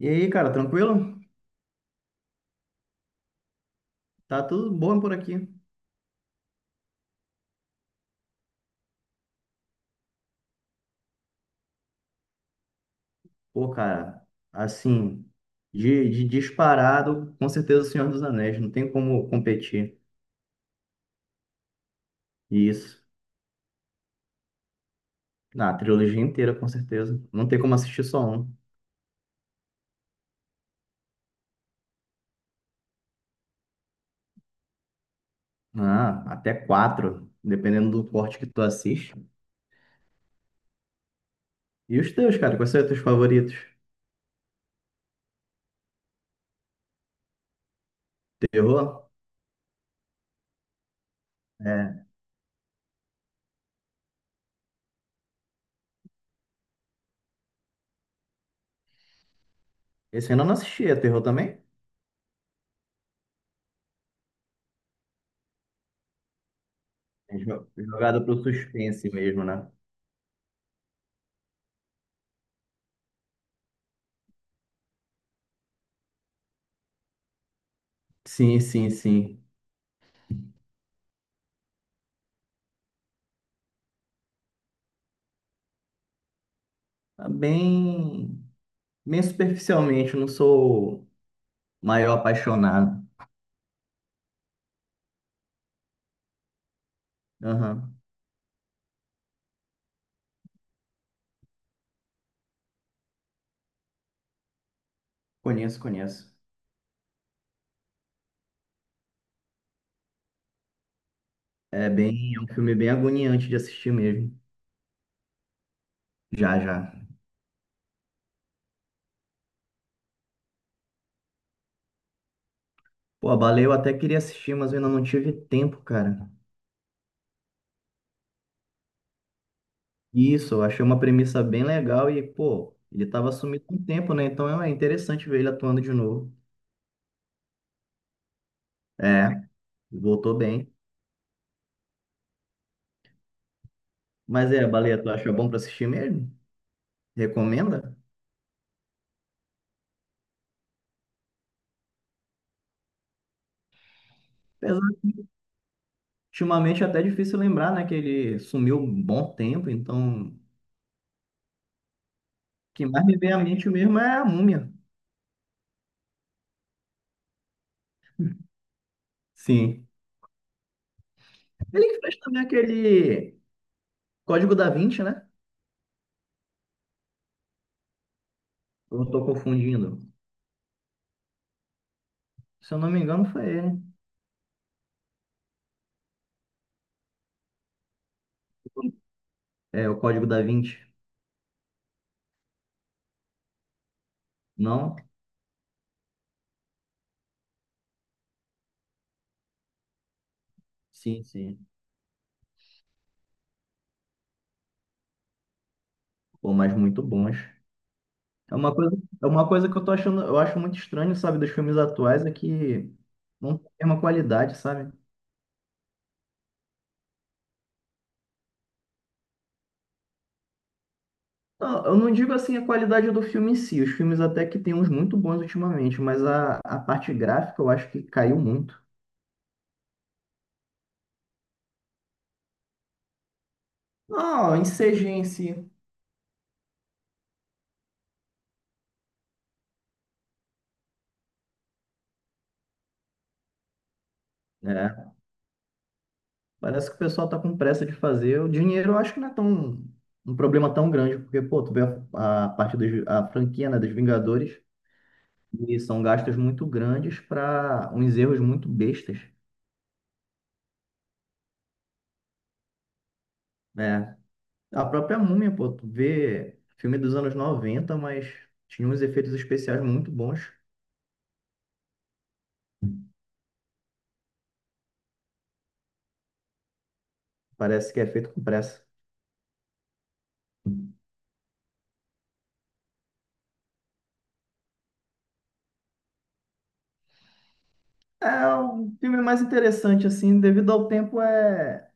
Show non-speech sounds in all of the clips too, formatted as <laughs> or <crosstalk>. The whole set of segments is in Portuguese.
E aí, cara, tranquilo? Tá tudo bom por aqui. Pô, cara, assim, de disparado, com certeza o Senhor dos Anéis, não tem como competir. Isso. Na trilogia inteira, com certeza. Não tem como assistir só um. Ah, até quatro, dependendo do corte que tu assiste. E os teus, cara, quais são os teus favoritos? Terror? É. Esse eu ainda não assisti, é terror também? Jogado pro suspense mesmo, né? Sim, sim, sim. Tá bem, bem superficialmente, não sou maior apaixonado. Aham. Conheço, conheço. É bem, é um filme bem agoniante de assistir mesmo. Já, já. Pô, a Baleia eu até queria assistir, mas eu ainda não tive tempo, cara. Isso, eu achei uma premissa bem legal e, pô, ele tava sumido há um tempo, né? Então é interessante ver ele atuando de novo. É, voltou bem. Mas é, a Baleia, tu acha bom pra assistir mesmo? Recomenda? Apesar, de, ultimamente é até difícil lembrar, né? Que ele sumiu um bom tempo, então o que mais me vem à mente mesmo é a Múmia. Sim. Ele que fez também aquele Código da Vinci, né? Eu não tô confundindo. Se eu não me engano, foi ele. É, o Código da Vinci. Não? Sim, sim. Pô, mas muito bons. É uma coisa, é uma coisa que eu tô achando, eu acho muito estranho, sabe, dos filmes atuais, é que não tem a mesma qualidade, sabe? Não, eu não digo assim a qualidade do filme em si, os filmes até que tem uns muito bons ultimamente, mas a parte gráfica eu acho que caiu muito. Não, em CG em si. É. Parece que o pessoal tá com pressa de fazer. O dinheiro eu acho que não é tão um problema tão grande, porque, pô, tu vê a parte dos, a franquia, né, dos Vingadores, e são gastos muito grandes para uns erros muito bestas, né? A própria Múmia, pô, tu vê filme dos anos 90 mas tinha uns efeitos especiais muito bons. Parece que é feito com pressa. É um filme mais interessante, assim, devido ao tempo é,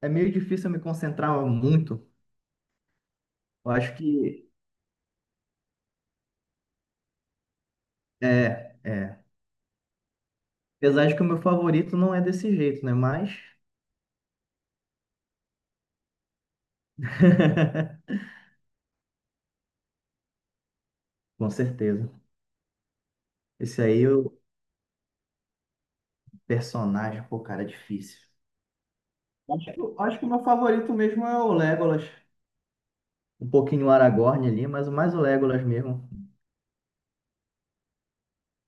é meio difícil eu me concentrar muito. Eu acho que é é. Apesar de que o meu favorito não é desse jeito, né? Mas. <laughs> Com certeza. Esse aí, o personagem, pô, cara, é difícil. Acho que o meu favorito mesmo é o Legolas. Um pouquinho o Aragorn ali, mas o mais o Legolas mesmo.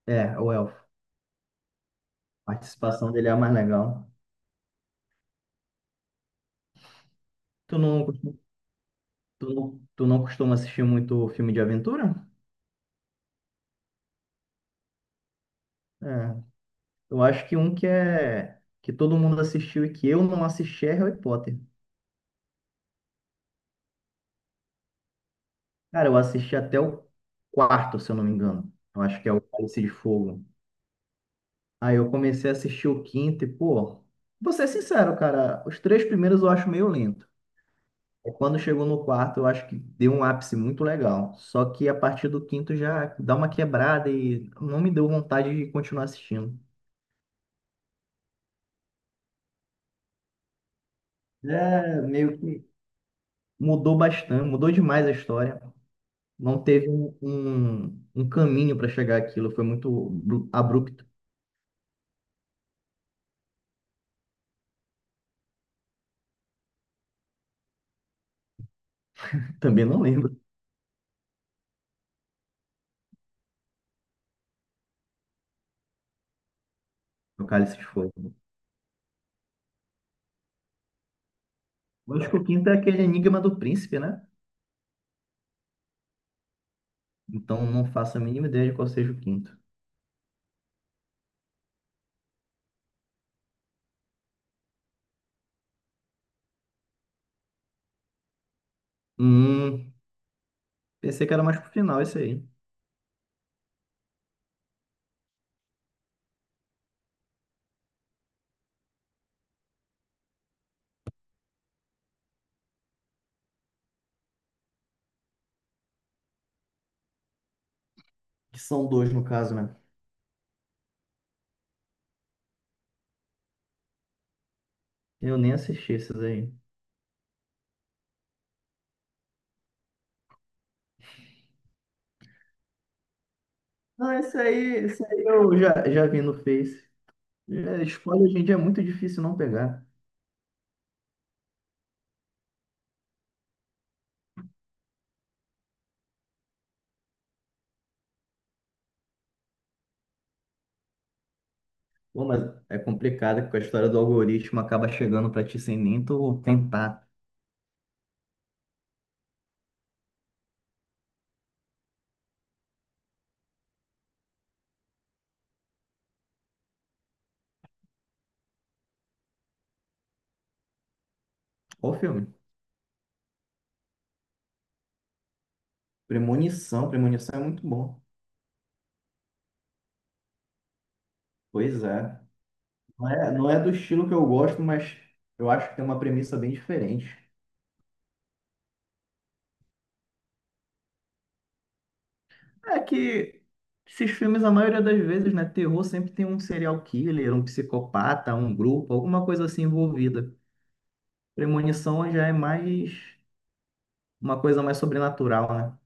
É, o Elfo. A participação dele é a mais legal. Tu não, costu- tu não costuma assistir muito filme de aventura? É. Eu acho que um que é. Que todo mundo assistiu e que eu não assisti é Harry Potter. Cara, eu assisti até o quarto, se eu não me engano. Eu acho que é o Cálice de Fogo. Aí eu comecei a assistir o quinto e, pô, vou ser sincero, cara, os três primeiros eu acho meio lento. Aí quando chegou no quarto, eu acho que deu um ápice muito legal. Só que a partir do quinto já dá uma quebrada e não me deu vontade de continuar assistindo. É, meio que mudou bastante, mudou demais a história. Não teve um caminho para chegar àquilo, foi muito abrupto. <laughs> Também não lembro do Cálice de Fogo. Acho que o quinto é aquele enigma do príncipe, né? Então não faço a mínima ideia de qual seja o quinto. Hum, pensei que era mais pro final esse aí. Que são dois no caso, né? Eu nem assisti esses aí. Não, esse aí eu já, já vi no Face. É, spoiler hoje em dia é muito difícil não pegar. Pô, mas é complicado porque a história do algoritmo acaba chegando pra ti sem nem tu tentar. Qual filme? Premonição, Premonição é muito bom. Pois é. Não é, não é do estilo que eu gosto, mas eu acho que tem uma premissa bem diferente. É que esses filmes, a maioria das vezes, né? Terror sempre tem um serial killer, um psicopata, um grupo, alguma coisa assim envolvida. Premonição já é mais uma coisa mais sobrenatural, né?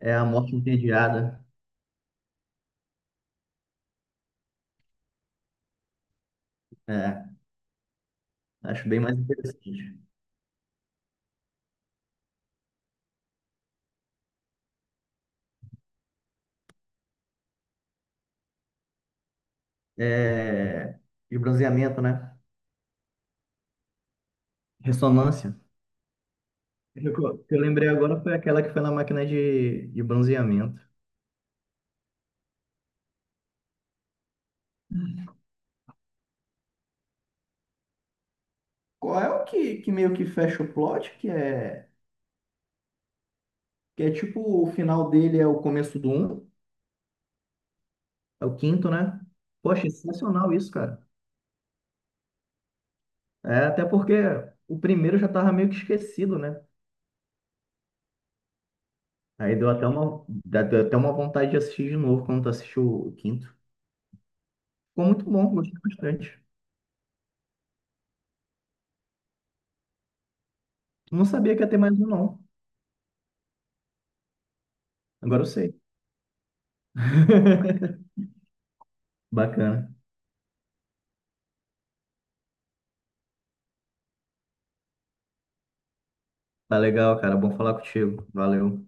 É a morte entediada. É, acho bem mais interessante. É, de bronzeamento, né? Ressonância. Eu- O que eu lembrei agora foi aquela que foi na máquina de bronzeamento. Qual é o que, que meio que fecha o plot? Que é tipo o final dele é o começo do 1? É o quinto, né? Poxa, sensacional isso, cara. É, até porque o primeiro já tava meio que esquecido, né? Aí deu até deu até uma vontade de assistir de novo quando tu assistiu o quinto. Ficou muito bom, gostei bastante. Não sabia que ia ter mais um, não. Agora eu sei. <laughs> Bacana. Tá legal, cara. Bom falar contigo. Valeu.